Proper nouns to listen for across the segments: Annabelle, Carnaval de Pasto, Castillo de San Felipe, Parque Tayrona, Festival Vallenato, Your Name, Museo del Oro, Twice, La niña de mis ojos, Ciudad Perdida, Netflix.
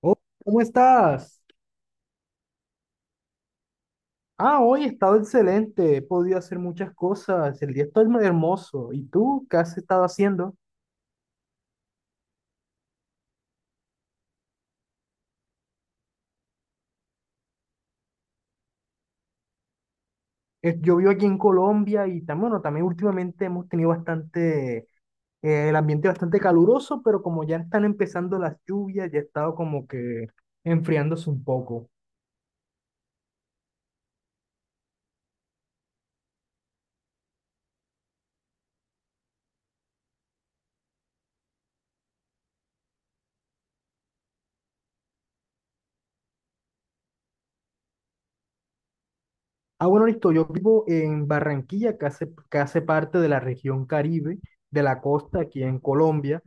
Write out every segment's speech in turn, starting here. Oh, ¿cómo estás? Ah, hoy he estado excelente, he podido hacer muchas cosas, el día está muy hermoso. ¿Y tú qué has estado haciendo? Yo vivo aquí en Colombia y también, bueno, también últimamente hemos tenido bastante, el ambiente bastante caluroso, pero como ya están empezando las lluvias, ya ha estado como que enfriándose un poco. Ah, bueno, listo, yo vivo en Barranquilla, que hace parte de la región Caribe, de la costa aquí en Colombia.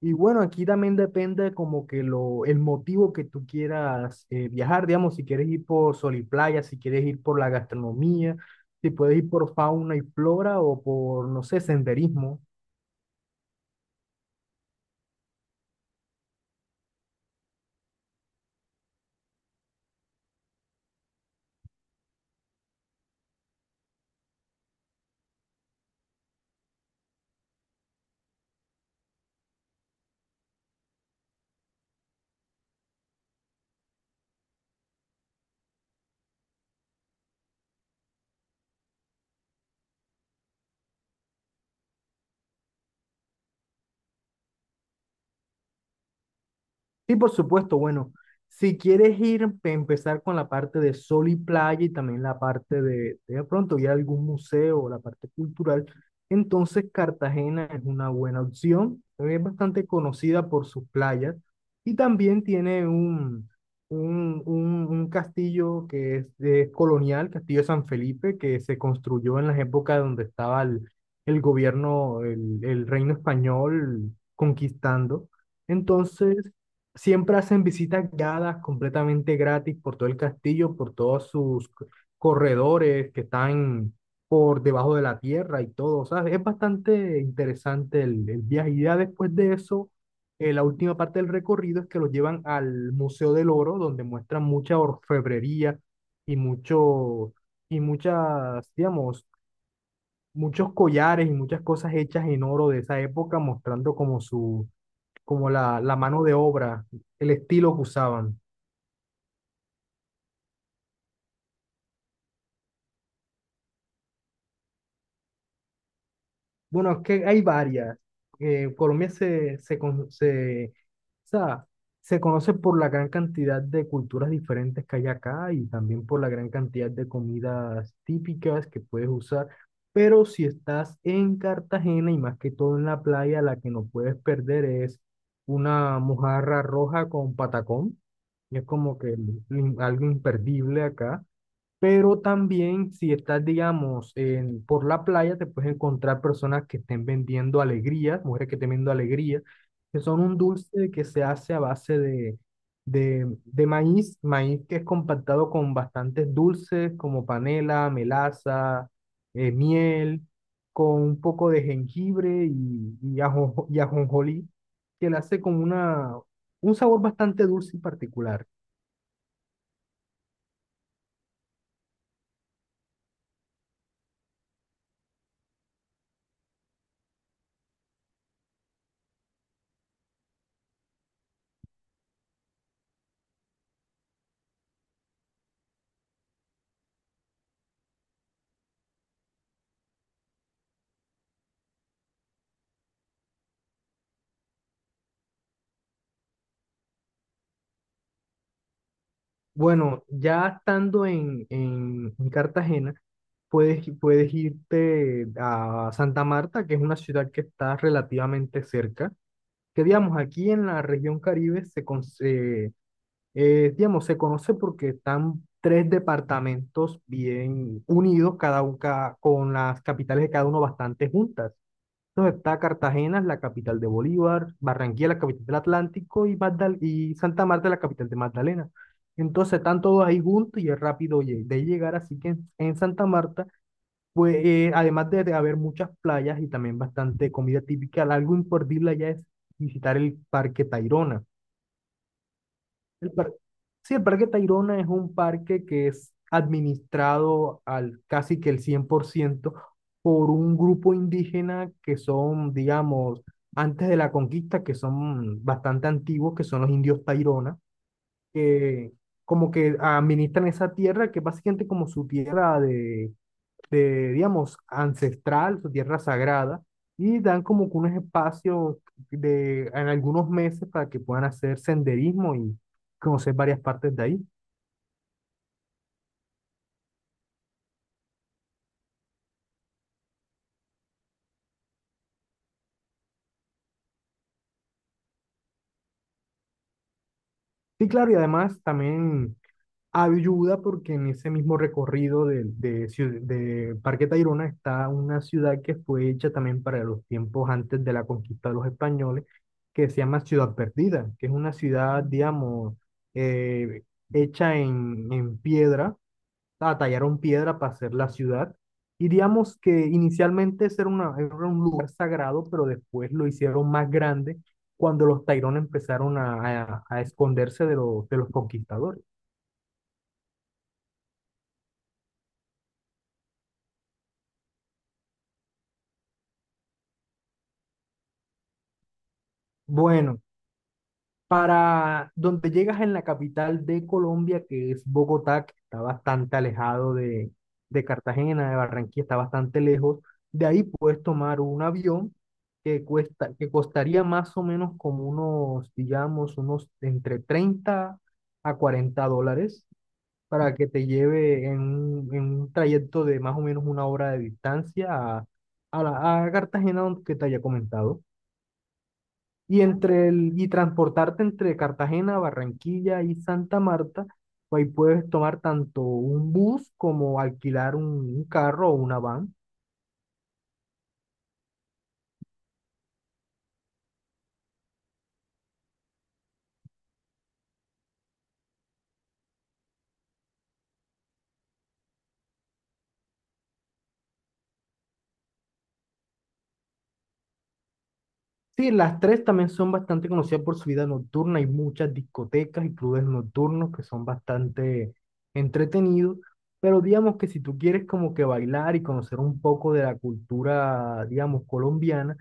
Y bueno, aquí también depende como que el motivo que tú quieras viajar, digamos, si quieres ir por sol y playa, si quieres ir por la gastronomía, si puedes ir por fauna y flora o por, no sé, senderismo. Sí, por supuesto. Bueno, si quieres ir, empezar con la parte de sol y playa y también la parte de pronto ir a algún museo o la parte cultural, entonces Cartagena es una buena opción. Es bastante conocida por sus playas y también tiene un castillo que es, colonial, Castillo de San Felipe, que se construyó en las épocas donde estaba el gobierno, el reino español conquistando. Entonces, siempre hacen visitas guiadas completamente gratis por todo el castillo, por todos sus corredores que están por debajo de la tierra y todo. O sea, es bastante interesante el viaje. Y ya después de eso, la última parte del recorrido es que los llevan al Museo del Oro, donde muestran mucha orfebrería y digamos, muchos collares y muchas cosas hechas en oro de esa época, mostrando como la mano de obra, el estilo que usaban. Bueno, es que hay varias. Colombia o sea, se conoce por la gran cantidad de culturas diferentes que hay acá y también por la gran cantidad de comidas típicas que puedes usar. Pero si estás en Cartagena y más que todo en la playa, la que no puedes perder es una mojarra roja con patacón. Es como que algo imperdible acá. Pero también si estás, digamos, por la playa, te puedes encontrar personas que estén vendiendo alegrías, mujeres que estén vendiendo alegrías, que son un dulce que se hace a base de maíz que es compactado con bastantes dulces como panela, melaza, miel, con un poco de jengibre y ajo, y ajonjolí, que le hace como un sabor bastante dulce y particular. Bueno, ya estando en Cartagena, puedes irte a Santa Marta, que es una ciudad que está relativamente cerca, que digamos, aquí en la región Caribe digamos, se conoce porque están tres departamentos bien unidos, con las capitales de cada uno bastante juntas. Entonces está Cartagena, la capital de Bolívar, Barranquilla, la capital del Atlántico, y Santa Marta, la capital de Magdalena. Entonces están todos ahí juntos y es rápido de llegar, así que en Santa Marta, pues además de haber muchas playas y también bastante comida típica, algo imperdible allá es visitar el Parque Tayrona. El par- sí, el Parque Tayrona es un parque que es administrado al casi que el 100 por ciento por un grupo indígena que son, digamos, antes de la conquista, que son bastante antiguos, que son los indios Tayrona, que como que administran esa tierra, que es básicamente como su tierra de digamos, ancestral, su tierra sagrada, y dan como que unos espacios de, en algunos meses para que puedan hacer senderismo y conocer varias partes de ahí. Sí, claro, y además también ayuda porque en ese mismo recorrido de Parque Tayrona está una ciudad que fue hecha también para los tiempos antes de la conquista de los españoles, que se llama Ciudad Perdida, que es una ciudad, digamos, eh, hecha en piedra. Tallaron piedra para hacer la ciudad. Y digamos que inicialmente ese era un lugar sagrado, pero después lo hicieron más grande cuando los Tairón empezaron a esconderse de los conquistadores. Bueno, para donde llegas en la capital de Colombia, que es Bogotá, que está bastante alejado de Cartagena, de Barranquilla, está bastante lejos, de ahí puedes tomar un avión que costaría más o menos como digamos, unos entre 30 a 40 dólares para que te lleve en un trayecto de más o menos una hora de distancia a Cartagena, que te haya comentado. Y transportarte entre Cartagena, Barranquilla y Santa Marta, pues ahí puedes tomar tanto un bus como alquilar un carro o una van. Sí, las tres también son bastante conocidas por su vida nocturna. Hay muchas discotecas y clubes nocturnos que son bastante entretenidos. Pero digamos que si tú quieres como que bailar y conocer un poco de la cultura, digamos, colombiana,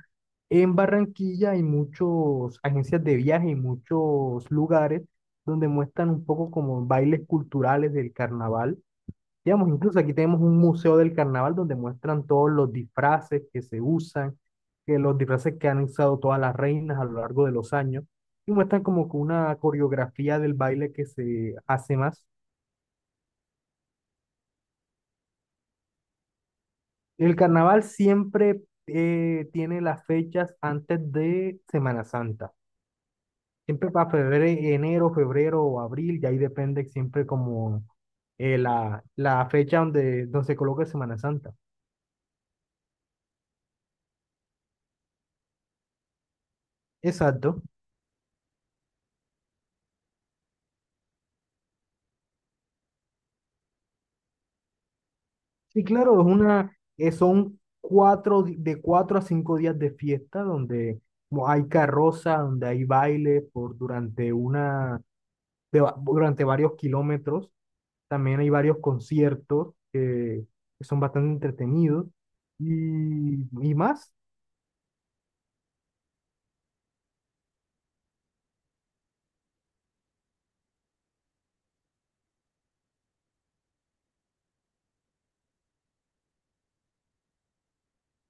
en Barranquilla hay muchas agencias de viaje y muchos lugares donde muestran un poco como bailes culturales del carnaval. Digamos, incluso aquí tenemos un museo del carnaval donde muestran todos los disfraces que se usan, que los disfraces que han usado todas las reinas a lo largo de los años, y muestran como que una coreografía del baile que se hace más. El carnaval siempre tiene las fechas antes de Semana Santa. Siempre para febrero, enero, febrero o abril, y ahí depende siempre como la fecha donde se coloca Semana Santa. Exacto. Sí, claro, es son de 4 a 5 días de fiesta donde hay carroza, donde hay baile por durante una, de va- durante varios kilómetros. También hay varios conciertos que son bastante entretenidos y más.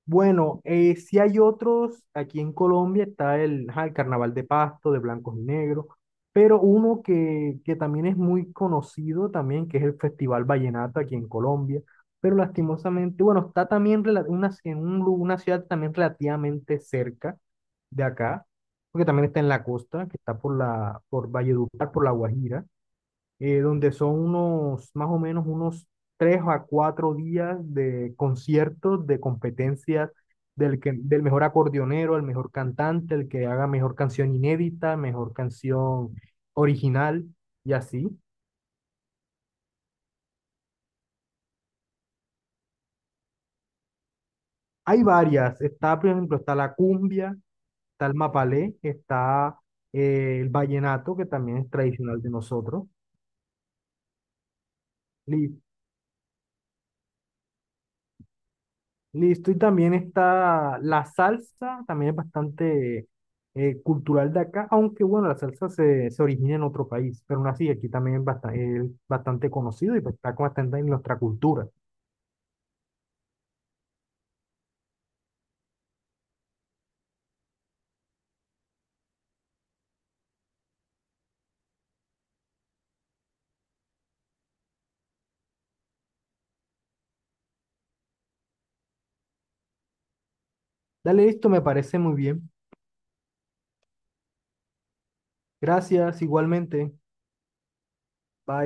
Bueno, si hay otros, aquí en Colombia está ajá, el Carnaval de Pasto, de blancos y negros, pero uno que también es muy conocido también, que es el Festival Vallenato aquí en Colombia, pero lastimosamente, bueno, está también rela- una, en un lu- una ciudad también relativamente cerca de acá, porque también está en la costa, que está por Valledupar, por La Guajira donde son más o menos unos 3 a 4 días de conciertos, de competencias del mejor acordeonero, el mejor cantante, el que haga mejor canción inédita, mejor canción original y así. Hay varias, está, por ejemplo, está la cumbia, está el mapalé, está el vallenato, que también es tradicional de nosotros. Listo, y también está la salsa, también es bastante cultural de acá, aunque bueno, la salsa se origina en otro país, pero aún así aquí también es bastante conocido y pues está bastante en nuestra cultura. Dale, listo, me parece muy bien. Gracias, igualmente. Bye.